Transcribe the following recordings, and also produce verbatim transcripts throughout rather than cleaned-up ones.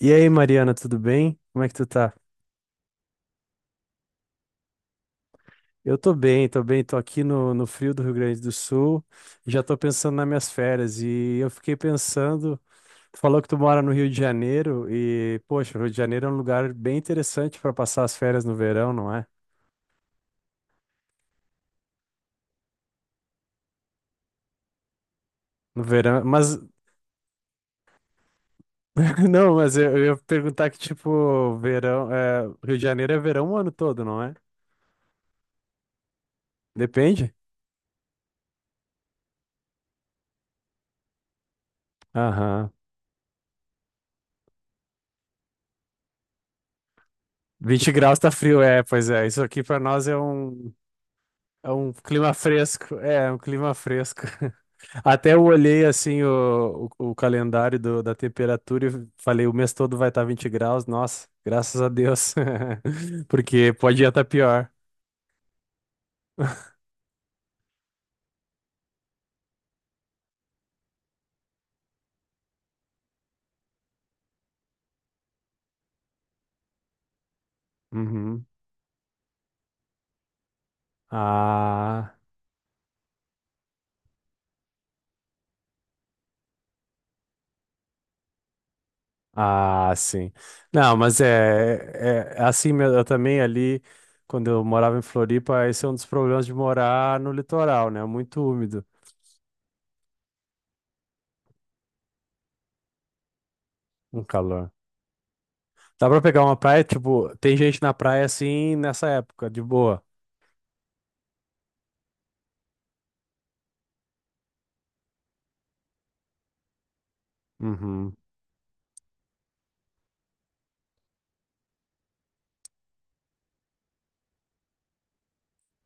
E aí, Mariana, tudo bem? Como é que tu tá? Eu tô bem, tô bem, tô aqui no, no frio do Rio Grande do Sul, já tô pensando nas minhas férias e eu fiquei pensando, tu falou que tu mora no Rio de Janeiro e, poxa, o Rio de Janeiro é um lugar bem interessante para passar as férias no verão, não é? No verão, mas, não, mas eu, eu ia perguntar que, tipo, verão, é, Rio de Janeiro é verão o ano todo, não é? Depende? Aham. Vinte graus tá frio, é, pois é, isso aqui para nós é um. É um clima fresco, é um clima fresco. Até eu olhei assim o, o, o calendário do- da temperatura e falei, o mês todo vai estar vinte graus. Nossa, graças a Deus. Porque pode estar pior. Uhum. Ah, ah, sim. Não, mas é, é, é assim mesmo. Eu também ali, quando eu morava em Floripa, esse é um dos problemas de morar no litoral, né? Muito úmido, um calor. Dá pra pegar uma praia, tipo, tem gente na praia assim nessa época, de boa. Uhum.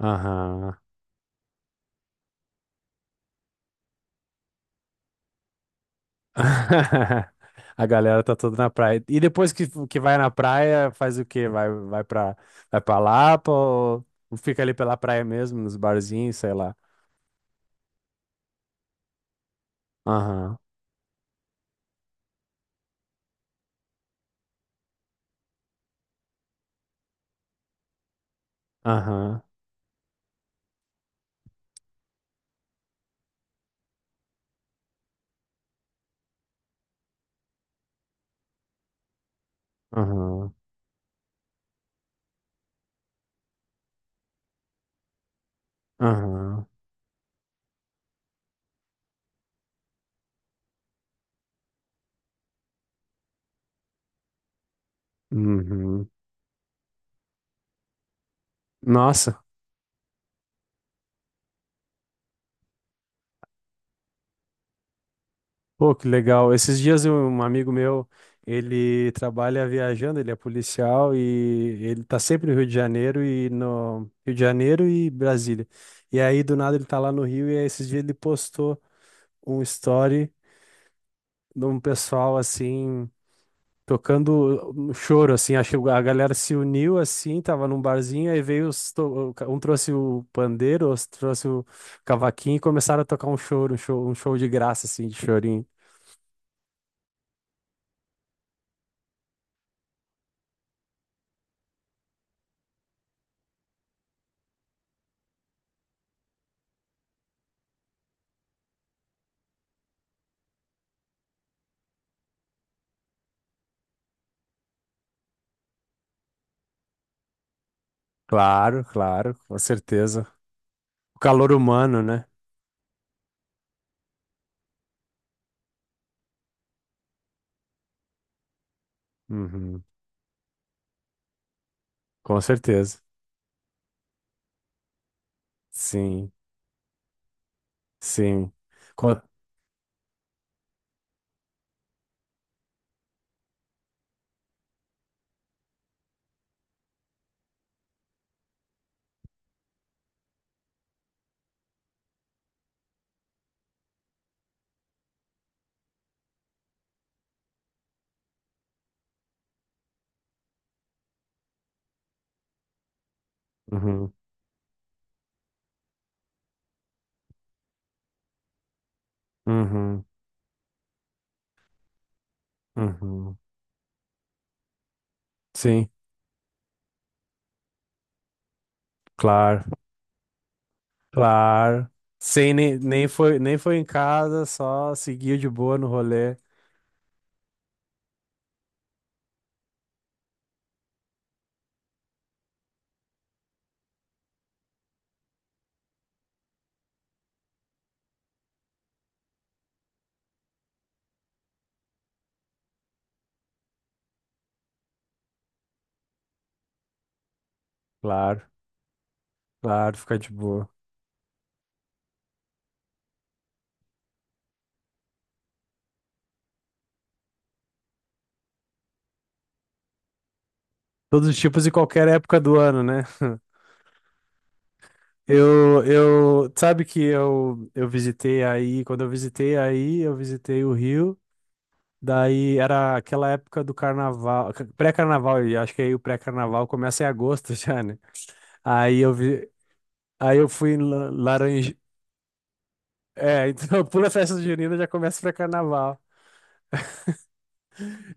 Aham. A galera tá toda na praia. E depois que, que vai na praia, faz o quê? Vai, vai pra, vai pra Lapa ou ou fica ali pela praia mesmo, nos barzinhos, sei lá. Aham, aham, aham, aham, uhum. Nossa. Pô, que legal. Esses dias eu- um amigo meu, ele trabalha viajando, ele é policial e ele tá sempre no Rio de Janeiro e no Rio de Janeiro e Brasília. E aí do nada ele tá lá no Rio e aí, esses dias ele postou um story de um pessoal assim tocando um choro assim, acho que a galera se uniu assim, tava num barzinho aí veio os to- um trouxe o pandeiro, outro trouxe o cavaquinho e começaram a tocar um choro, um show, um show de graça assim, de chorinho. Claro, claro, com certeza. O calor humano, né? Uhum, com certeza. Sim, sim. Co- Uhum, uhum, uhum. Sim, claro, claro. Sim, nem, nem foi, nem foi em casa, só seguiu de boa no rolê. Claro, claro, fica de boa. Todos os tipos e qualquer época do ano, né? Eu, eu, sabe que eu, eu visitei aí, quando eu visitei aí, eu visitei o Rio. Daí era aquela época do carnaval, ca- pré-carnaval, e acho que aí o pré-carnaval começa em agosto já, né? Aí eu vi, aí eu fui em La- Laranje. É, então pula a festa junina já começa o pré-carnaval.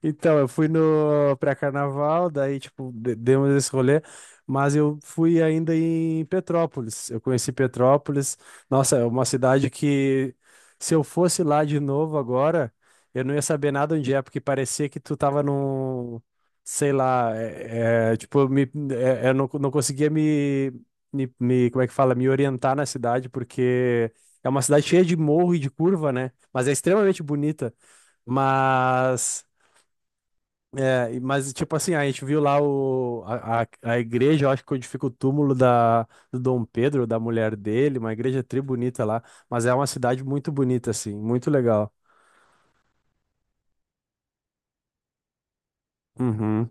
Então, eu fui no pré-carnaval, daí, tipo, de- demos esse rolê, mas eu fui ainda em Petrópolis. Eu conheci Petrópolis. Nossa, é uma cidade que, se eu fosse lá de novo agora, eu não ia saber nada onde é, porque parecia que tu tava num, sei lá, é, é, tipo, eu me, é, é, eu não, não conseguia me, me, me, como é que fala, me orientar na cidade, porque é uma cidade cheia de morro e de curva, né? Mas é extremamente bonita. Mas. É, e- mas tipo assim, a gente viu lá o, a, a, a igreja, eu acho que onde fica o túmulo da, do Dom Pedro, da mulher dele, uma igreja tri bonita lá, mas é uma cidade muito bonita, assim, muito legal. Uhum,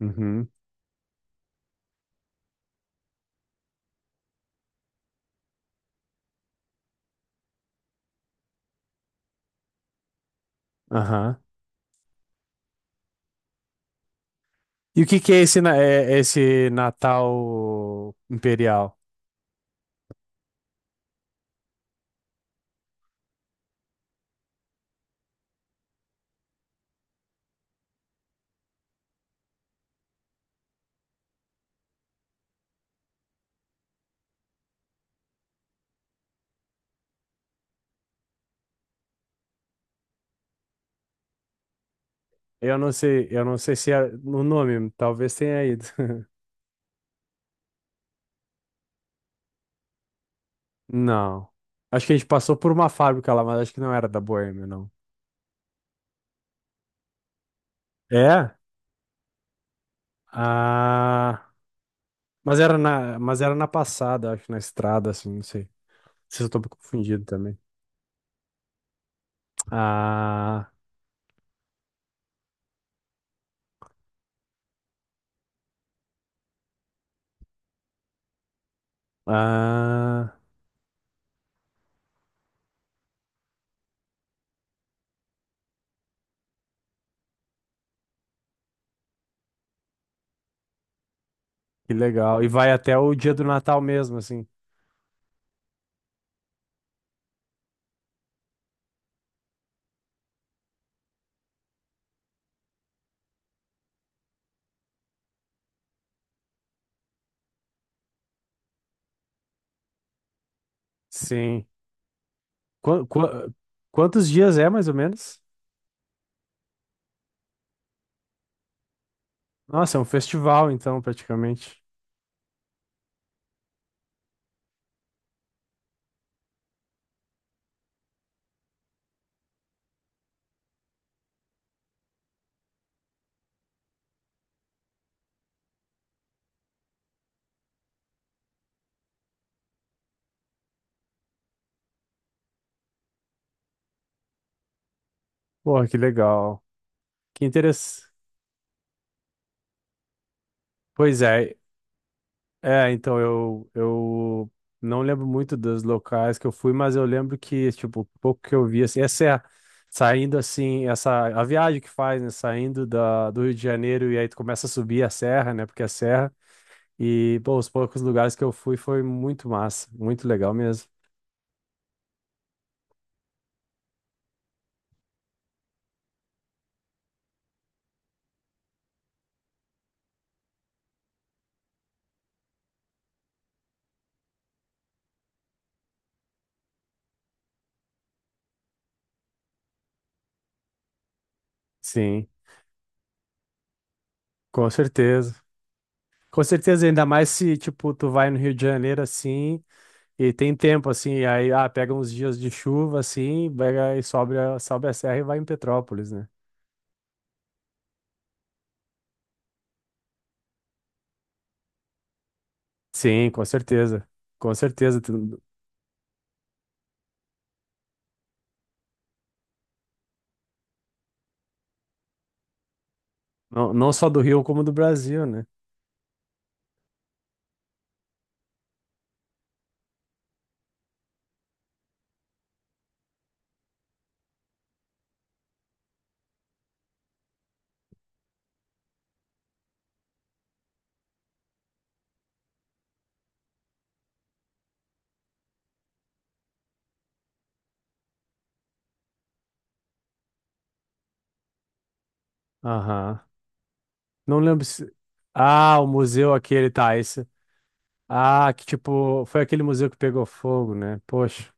uhum, aham. E o que que é esse, na- é- é esse Natal Imperial? Eu não sei, eu não sei se é no nome, talvez tenha ido. Não. Acho que a gente passou por uma fábrica lá, mas acho que não era da Boêmia, não. É? Ah, mas era na, mas era na passada, acho, na estrada, assim, não sei. Não sei se eu tô confundido também. Ah, ah, que legal. E vai até o dia do Natal mesmo, assim. Sim. Qua- qua- Quantos dias é, mais ou menos? Nossa, é um festival, então, praticamente. Porra, que legal. Que interessante. Pois é. É, então eu, eu não lembro muito dos locais que eu fui, mas eu lembro que, tipo, o pouco que eu vi, assim, essa é a- saindo assim, essa a viagem que faz, né? Saindo da, do Rio de Janeiro e aí tu começa a subir a serra, né? Porque é serra. E, pô, os poucos lugares que eu fui foi muito massa, muito legal mesmo. Sim, com certeza. Com certeza, ainda mais se, tipo, tu vai no Rio de Janeiro assim e tem tempo, assim, aí, ah, pega uns dias de chuva, assim, pega e sobe, a- sobe a serra e vai em Petrópolis, né? Sim, com certeza. Com certeza. Tu- Não, não só do Rio, como do Brasil, né? Aham. Não lembro se. Ah, o museu aquele, tá, esse. Ah, que tipo, foi aquele museu que pegou fogo, né? Poxa,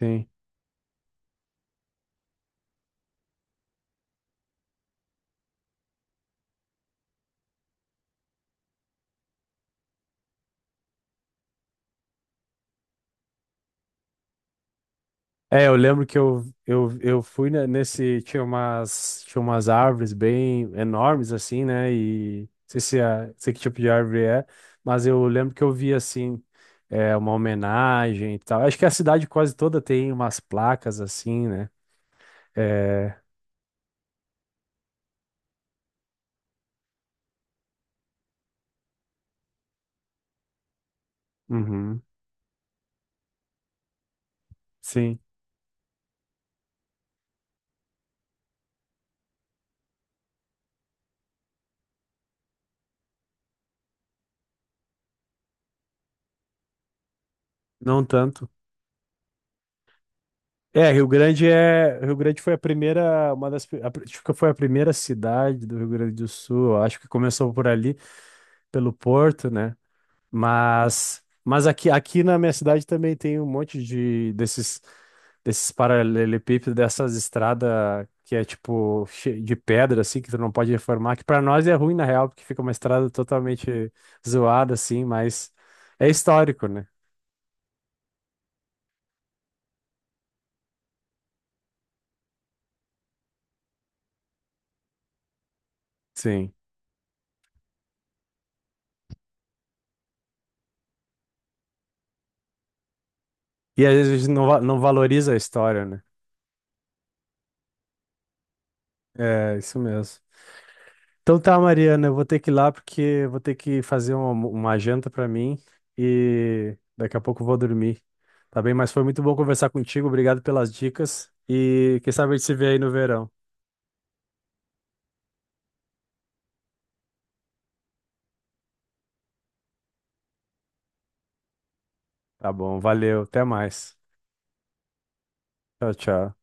sim. É, eu lembro que eu, eu, eu fui ne- nesse. Tinha umas, tinha umas árvores bem enormes, assim, né? E não sei se é, sei que tipo de árvore é, mas eu lembro que eu vi assim. É uma homenagem e tal. Acho que a cidade quase toda tem umas placas assim, né? É, uhum, sim, não tanto. É, Rio Grande é, Rio Grande foi a primeira, uma das, a, pri- acho que foi a primeira cidade do Rio Grande do Sul. Eu Acho que começou por ali, pelo Porto, né? Mas, mas aqui, aqui na minha cidade também tem um monte de desses, desses paralelepípedos, dessas estradas que é tipo che- de pedra assim, que tu não pode reformar. Que para nós é ruim na real, porque fica uma estrada totalmente zoada assim, mas é histórico, né? Sim. E às vezes a gente não, va- não valoriza a história, né? É, isso mesmo. Então tá, Mariana, eu vou ter que ir lá porque eu vou ter que fazer uma, uma janta pra mim e daqui a pouco eu vou dormir. Tá bem? Mas foi muito bom conversar contigo. Obrigado pelas dicas e quem sabe a gente se vê aí no verão. Tá bom, valeu, até mais. Tchau, tchau.